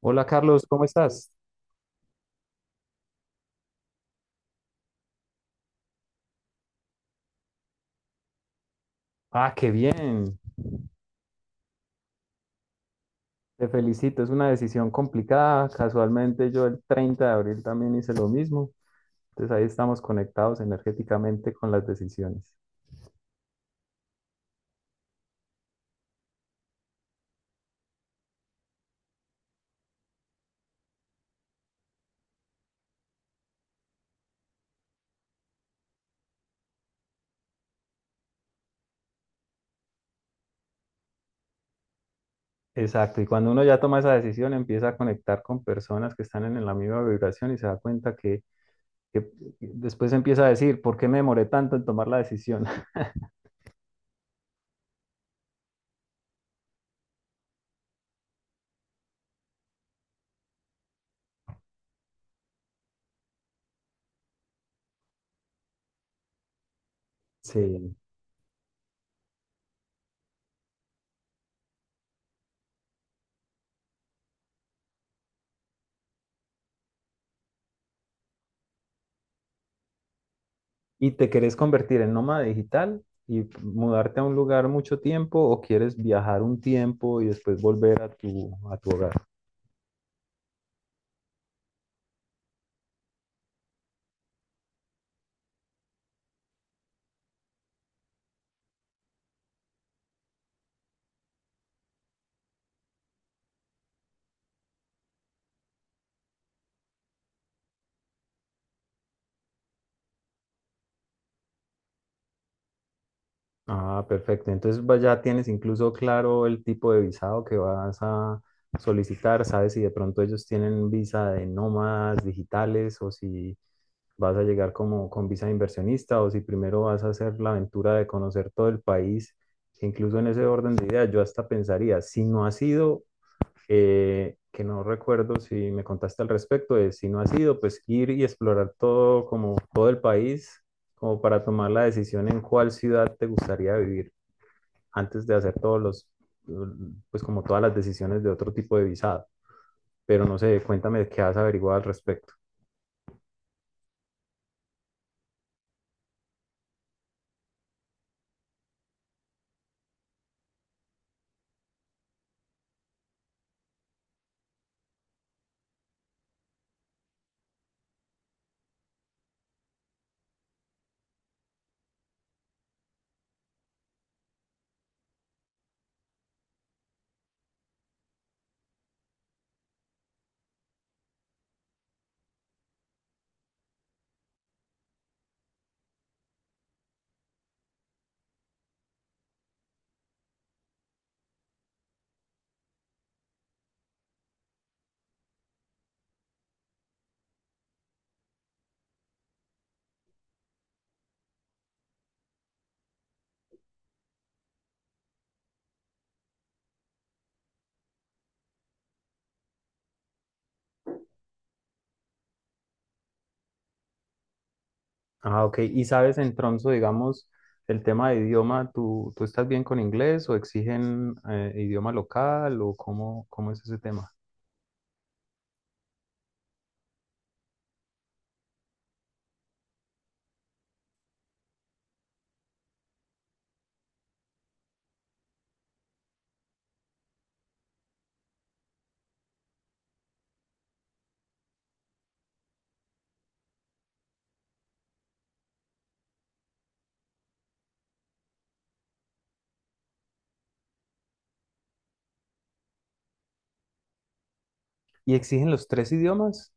Hola Carlos, ¿cómo estás? Ah, qué bien. Te felicito, es una decisión complicada. Casualmente yo el 30 de abril también hice lo mismo. Entonces ahí estamos conectados energéticamente con las decisiones. Exacto, y cuando uno ya toma esa decisión empieza a conectar con personas que están en la misma vibración y se da cuenta que después empieza a decir, ¿por qué me demoré tanto en tomar la decisión? Sí. ¿Y te querés convertir en nómada digital y mudarte a un lugar mucho tiempo o quieres viajar un tiempo y después volver a tu, hogar? Ah, perfecto. Entonces ya tienes incluso claro el tipo de visado que vas a solicitar, sabes si de pronto ellos tienen visa de nómadas digitales o si vas a llegar como con visa de inversionista o si primero vas a hacer la aventura de conocer todo el país. Incluso en ese orden de ideas, yo hasta pensaría, si no has ido, que no recuerdo si me contaste al respecto, de si no ha sido, pues ir y explorar todo, como todo el país, como para tomar la decisión en cuál ciudad te gustaría vivir, antes de hacer todos los, pues como todas las decisiones de otro tipo de visado. Pero no sé, cuéntame qué has averiguado al respecto. Ah, ok. ¿Y sabes en Tronzo, digamos, el tema de idioma, ¿tú estás bien con inglés o exigen idioma local o cómo es ese tema? ¿Y exigen los tres idiomas?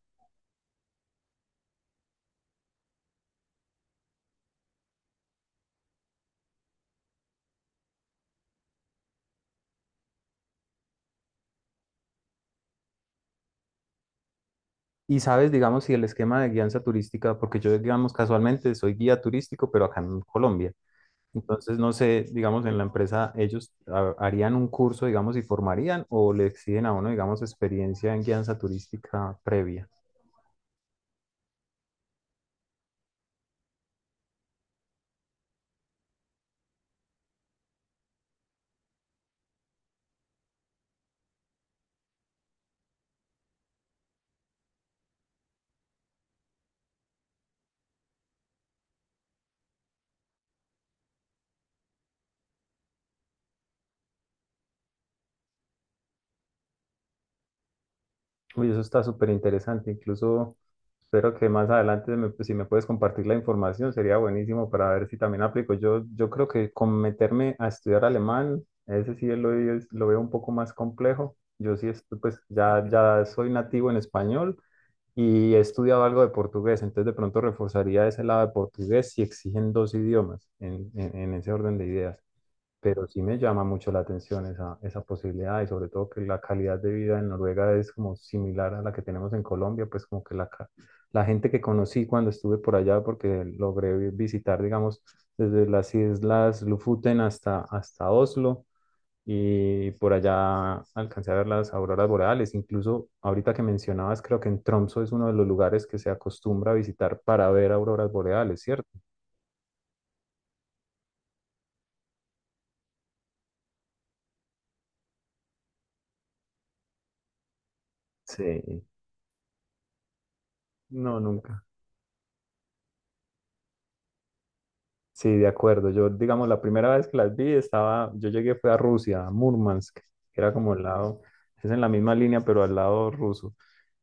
Y sabes, digamos, si el esquema de guianza turística, porque yo, digamos, casualmente soy guía turístico, pero acá en Colombia. Entonces, no sé, digamos, en la empresa ellos harían un curso, digamos, y formarían o le exigen a uno, digamos, experiencia en guianza turística previa. Uy, eso está súper interesante. Incluso espero que más adelante, pues, si me puedes compartir la información, sería buenísimo para ver si también aplico. Yo creo que con meterme a estudiar alemán, ese sí lo veo un poco más complejo. Yo sí, pues ya soy nativo en español y he estudiado algo de portugués, entonces de pronto reforzaría ese lado de portugués si exigen dos idiomas en ese orden de ideas. Pero sí me llama mucho la atención esa posibilidad y sobre todo que la calidad de vida en Noruega es como similar a la que tenemos en Colombia, pues como que la gente que conocí cuando estuve por allá, porque logré visitar, digamos, desde las islas Lofoten hasta Oslo y por allá alcancé a ver las auroras boreales. Incluso ahorita que mencionabas, creo que en Tromso es uno de los lugares que se acostumbra a visitar para ver auroras boreales, ¿cierto? Sí. No, nunca. Sí, de acuerdo. Yo, digamos, la primera vez que las vi estaba, yo llegué fue a Rusia, a Murmansk, que era como al lado, es en la misma línea, pero al lado ruso.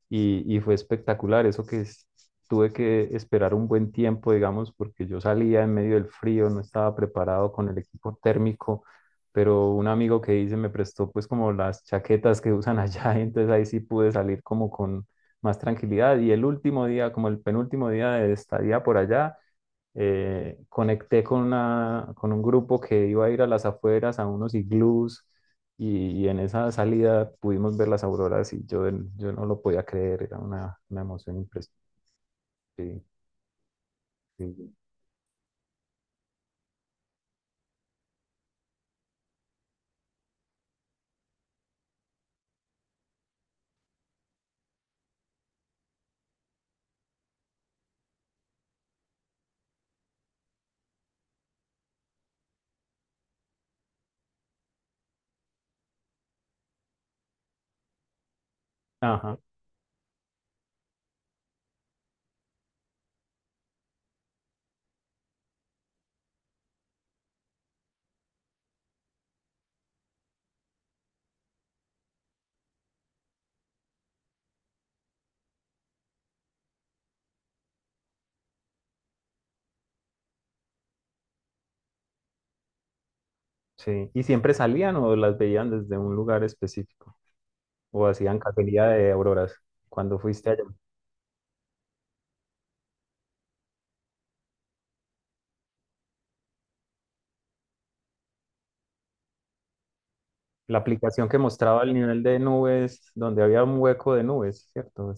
Y fue espectacular, eso que tuve que esperar un buen tiempo, digamos, porque yo salía en medio del frío, no estaba preparado con el equipo térmico, pero un amigo que hice me prestó pues como las chaquetas que usan allá, y entonces ahí sí pude salir como con más tranquilidad. Y el último día, como el penúltimo día de estadía por allá, conecté con un grupo que iba a ir a las afueras, a unos iglús, y en esa salida pudimos ver las auroras y yo no lo podía creer, era una emoción impresionante. Ajá, sí. ¿Y siempre salían o las veían desde un lugar específico? ¿O hacían cacería de auroras cuando fuiste allá? La aplicación que mostraba el nivel de nubes, donde había un hueco de nubes, ¿cierto?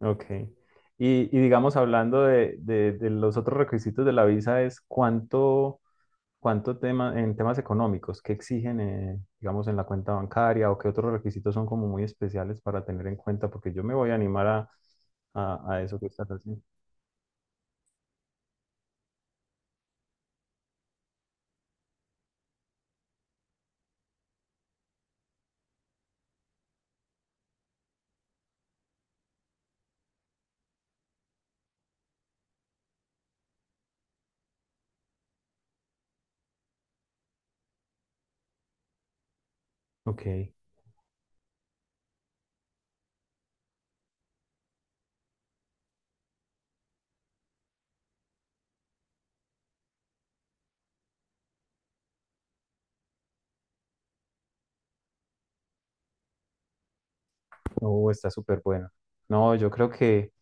Ok. Y digamos, hablando de los otros requisitos de la visa, es cuánto tema, en temas económicos, qué exigen, digamos, en la cuenta bancaria o qué otros requisitos son como muy especiales para tener en cuenta, porque yo me voy a animar a, eso que estás haciendo. Ok. Oh, está súper bueno. No, yo creo que.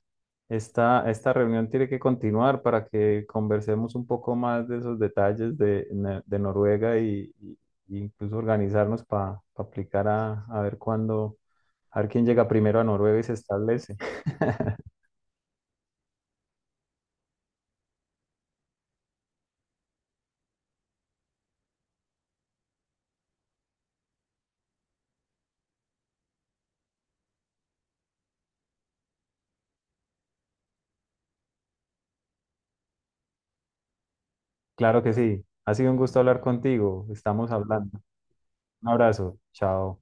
Esta reunión tiene que continuar para que conversemos un poco más de esos detalles de Noruega y incluso organizarnos para aplicar a ver cuándo, a, ver quién llega primero a Noruega y se establece. Claro que sí. Ha sido un gusto hablar contigo. Estamos hablando. Un abrazo. Chao.